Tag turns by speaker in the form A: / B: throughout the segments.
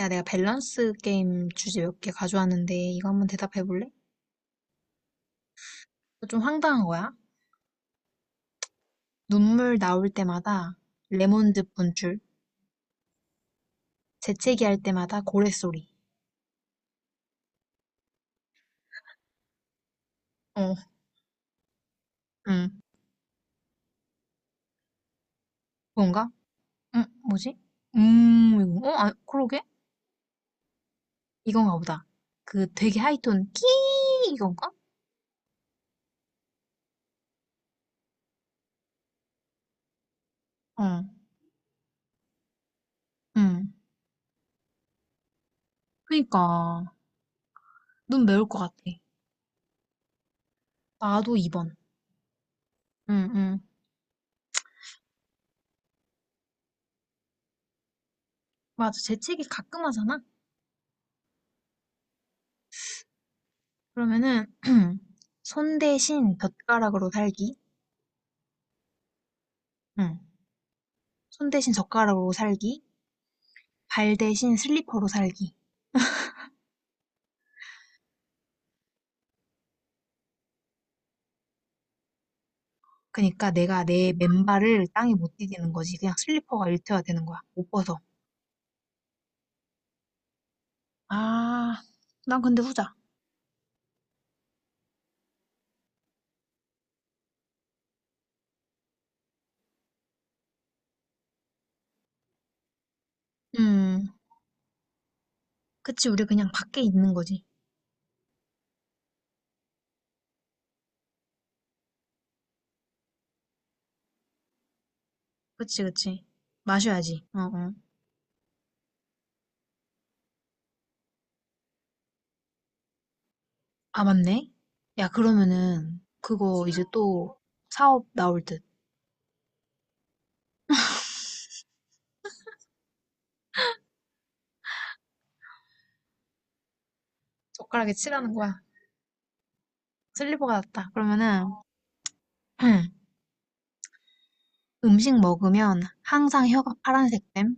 A: 야, 내가 밸런스 게임 주제 몇 개 가져왔는데 이거 한번 대답해 볼래? 좀 황당한 거야. 눈물 나올 때마다 레몬즙 분출, 재채기 할 때마다 고래 소리. 어, 응, 그건가? 응, 뭐지? 그러게? 이건가 보다. 그 되게 하이톤 끼 이건가? 어, 응. 그니까 눈 매울 것 같아. 나도 2번. 응, 응. 맞아, 재채기 가끔 하잖아? 그러면은 손 대신 젓가락으로 살기. 응. 손 대신 젓가락으로 살기, 발 대신 슬리퍼로 살기. 그러니까 내가 내 맨발을 땅에 못 디디는 거지. 그냥 슬리퍼가 일체화 되는 거야. 못 벗어. 아, 난 근데 후자. 음, 그치. 우리 그냥 밖에 있는 거지. 그치, 그치. 마셔야지. 어, 어. 아, 맞네. 야, 그러면은 그거 이제 또 사업 나올 듯. 젓가락에 칠하는 거야. 슬리퍼가 낫다. 그러면은 음식 먹으면 항상 혀가 파란색 됨.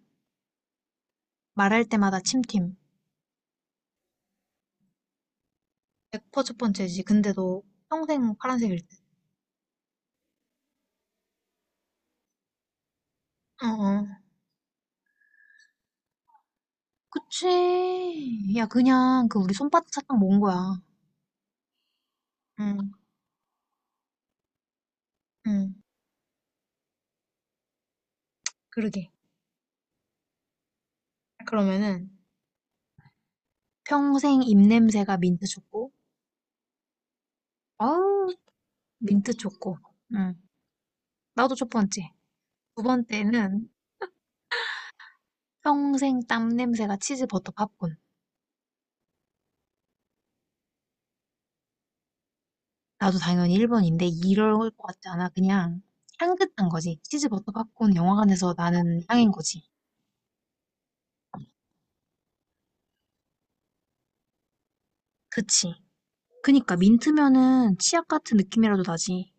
A: 말할 때마다 침팀. 100% 첫 번째지. 근데 너 평생 파란색일 듯. 어, 어. 그치. 야, 그냥 그 우리 손바닥 사탕 먹은 거야. 응, 응. 그러게. 그러면은, 평생 입냄새가 민트 초코. 아우, 민트 초코. 응. 나도 첫 번째. 두 번째는 평생 땀 냄새가 치즈 버터 팝콘. 나도 당연히 일 번인데 이럴 것 같지 않아. 그냥 향긋한 거지. 치즈 버터 팝콘 영화관에서 나는 향인 거지. 그치. 그니까 민트면은 치약 같은 느낌이라도 나지.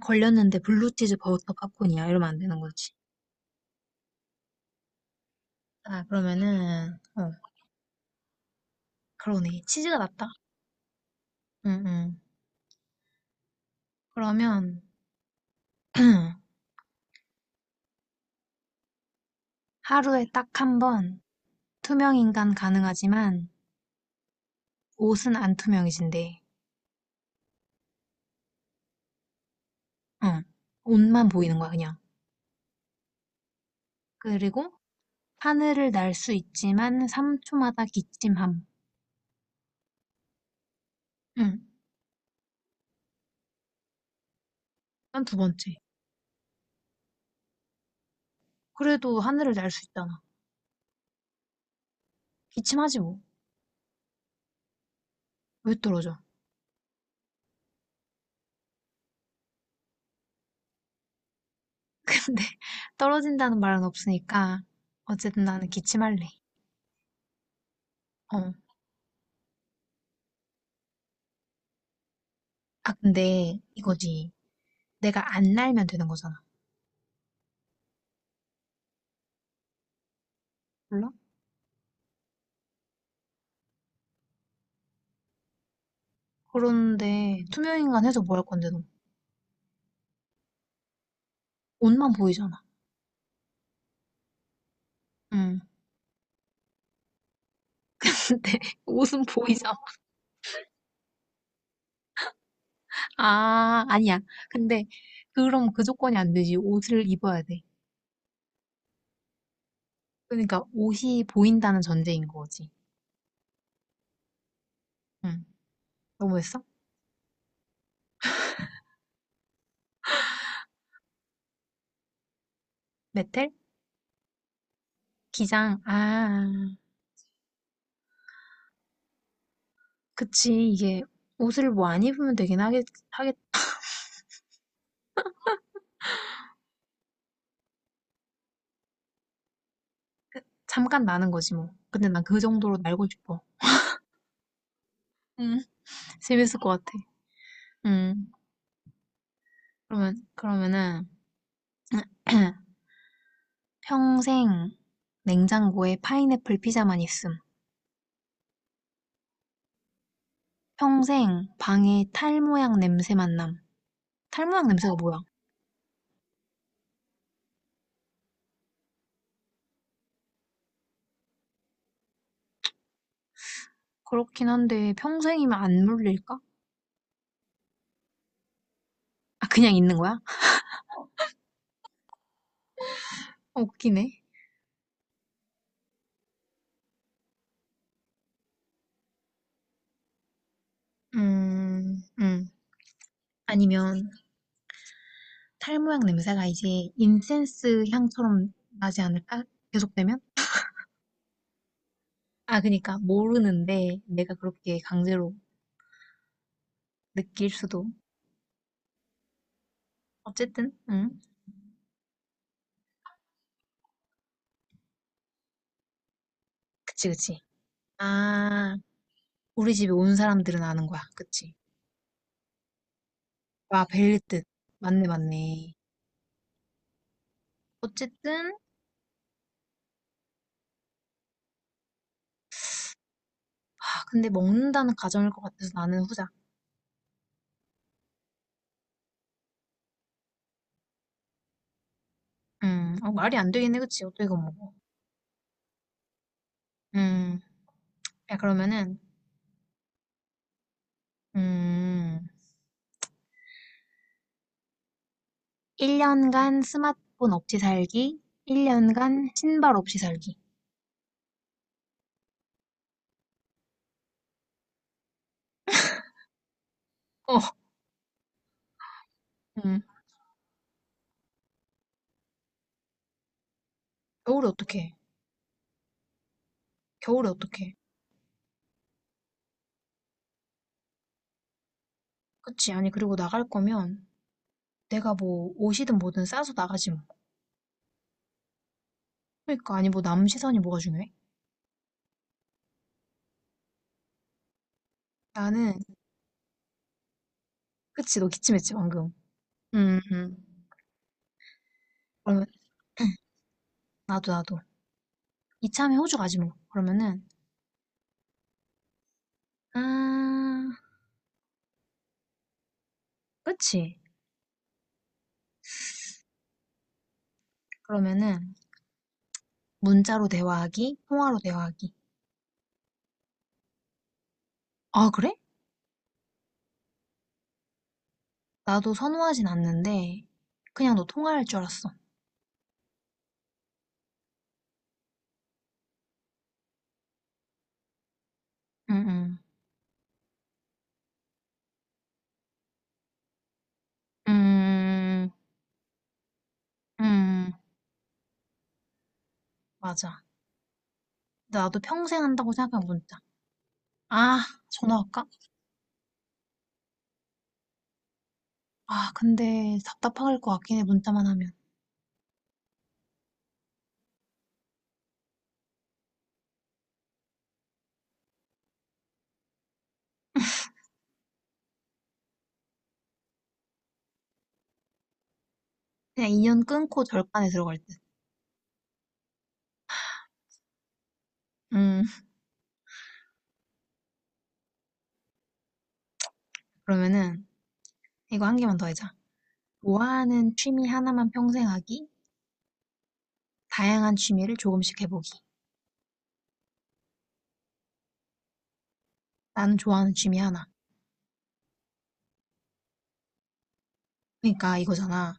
A: 걸렸는데 블루치즈 버터 팝콘이야. 이러면 안 되는 거지. 아, 그러면은, 어, 그러네. 치즈가 낫다. 응, 응. 그러면 하루에 딱 한번 투명인간 가능하지만 옷은 안 투명해진대. 응. 옷만 보이는 거야, 그냥. 그리고 하늘을 날 수 있지만 3초마다 기침함. 응. 난 두 번째. 그래도 하늘을 날 수 있잖아. 기침하지 뭐. 왜 떨어져? 근데 떨어진다는 말은 없으니까 어쨌든 나는 기침할래. 어. 아 근데 이거지. 내가 안 날면 되는 거잖아. 몰라? 그런데 투명인간 해서 뭐 할 건데 너? 옷만 보이잖아. 응. 근데 옷은 보이잖아. 아, 아니야. 근데 그럼 그 조건이 안 되지. 옷을 입어야 돼. 그러니까 옷이 보인다는 전제인 거지. 응. 너무했어? 메텔? 기장. 아, 그치. 이게 옷을 뭐 안 입으면 되긴 하겠, 잠깐 나는 거지 뭐. 근데 난 그 정도로 날고 싶어. 음, 재밌을 것 같아. 음, 그러면은, 평생 냉장고에 파인애플 피자만 있음. 평생 방에 탈 모양 냄새만 남. 탈 모양 냄새가 뭐야? 그렇긴 한데, 평생이면 안 물릴까? 아, 그냥 있는 거야? 웃기네. 음, 음. 아니면 탈 모양 냄새가 이제 인센스 향처럼 나지 않을까? 계속되면? 모르는데, 내가 그렇게 강제로 느낄 수도. 어쨌든, 응? 그치, 그치. 아, 우리 집에 온 사람들은 아는 거야. 그치. 와, 벨리뜻. 맞네, 맞네. 어쨌든, 아, 근데 먹는다는 가정일 것 같아서 나는 후자. 어, 말이 안 되겠네, 그치? 어떻게 이거 먹어? 음, 야, 그러면은, 음, 1년간 스마트폰 없이 살기, 1년간 신발 없이 살기. 어, 음, 겨울에 어떡해? 겨울에 어떡해? 그치. 아니, 그리고 나갈 거면 내가 뭐 옷이든 뭐든 싸서 나가지 뭐. 그러니까, 아니, 뭐 남 시선이 뭐가 중요해? 나는, 그치, 너 기침했지, 방금. 음, 음. 그러면, 나도, 나도. 이참에 호주 가지 뭐. 그러면은, 아, 그치. 그러면은, 문자로 대화하기, 통화로 대화하기. 아, 그래? 나도 선호하진 않는데, 그냥 너 통화할 줄 알았어. 음, 음. 음, 음. 맞아. 근데 나도 평생 한다고 생각한 문자. 아, 전화할까? 아, 근데 답답할 것 같긴 해, 문자만 하면. 그냥 인연 끊고 절간에 들어갈 듯. 음, 그러면은 이거 한 개만 더 해자. 좋아하는 취미 하나만 평생 하기, 다양한 취미를 조금씩 해보기. 나는 좋아하는 취미 하나. 그러니까 이거잖아.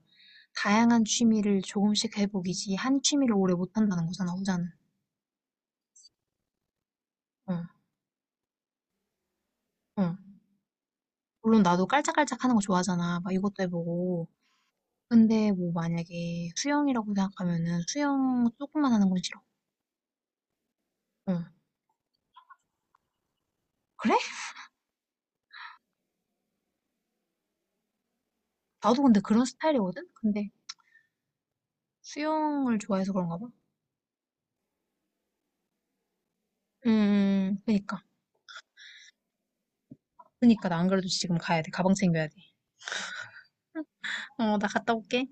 A: 다양한 취미를 조금씩 해보기지 한 취미를 오래 못 한다는 거잖아, 후자는. 응, 응. 물론 나도 깔짝깔짝 하는 거 좋아하잖아. 막 이것도 해보고. 근데 뭐 만약에 수영이라고 생각하면은 수영 조금만 하는 건 싫어. 응. 나도 근데 그런 스타일이거든? 근데 수영을 좋아해서 그런가 봐. 그니까. 그니까 나 안 그래도 지금 가야 돼. 가방 챙겨야 돼. 어, 나 갔다 올게.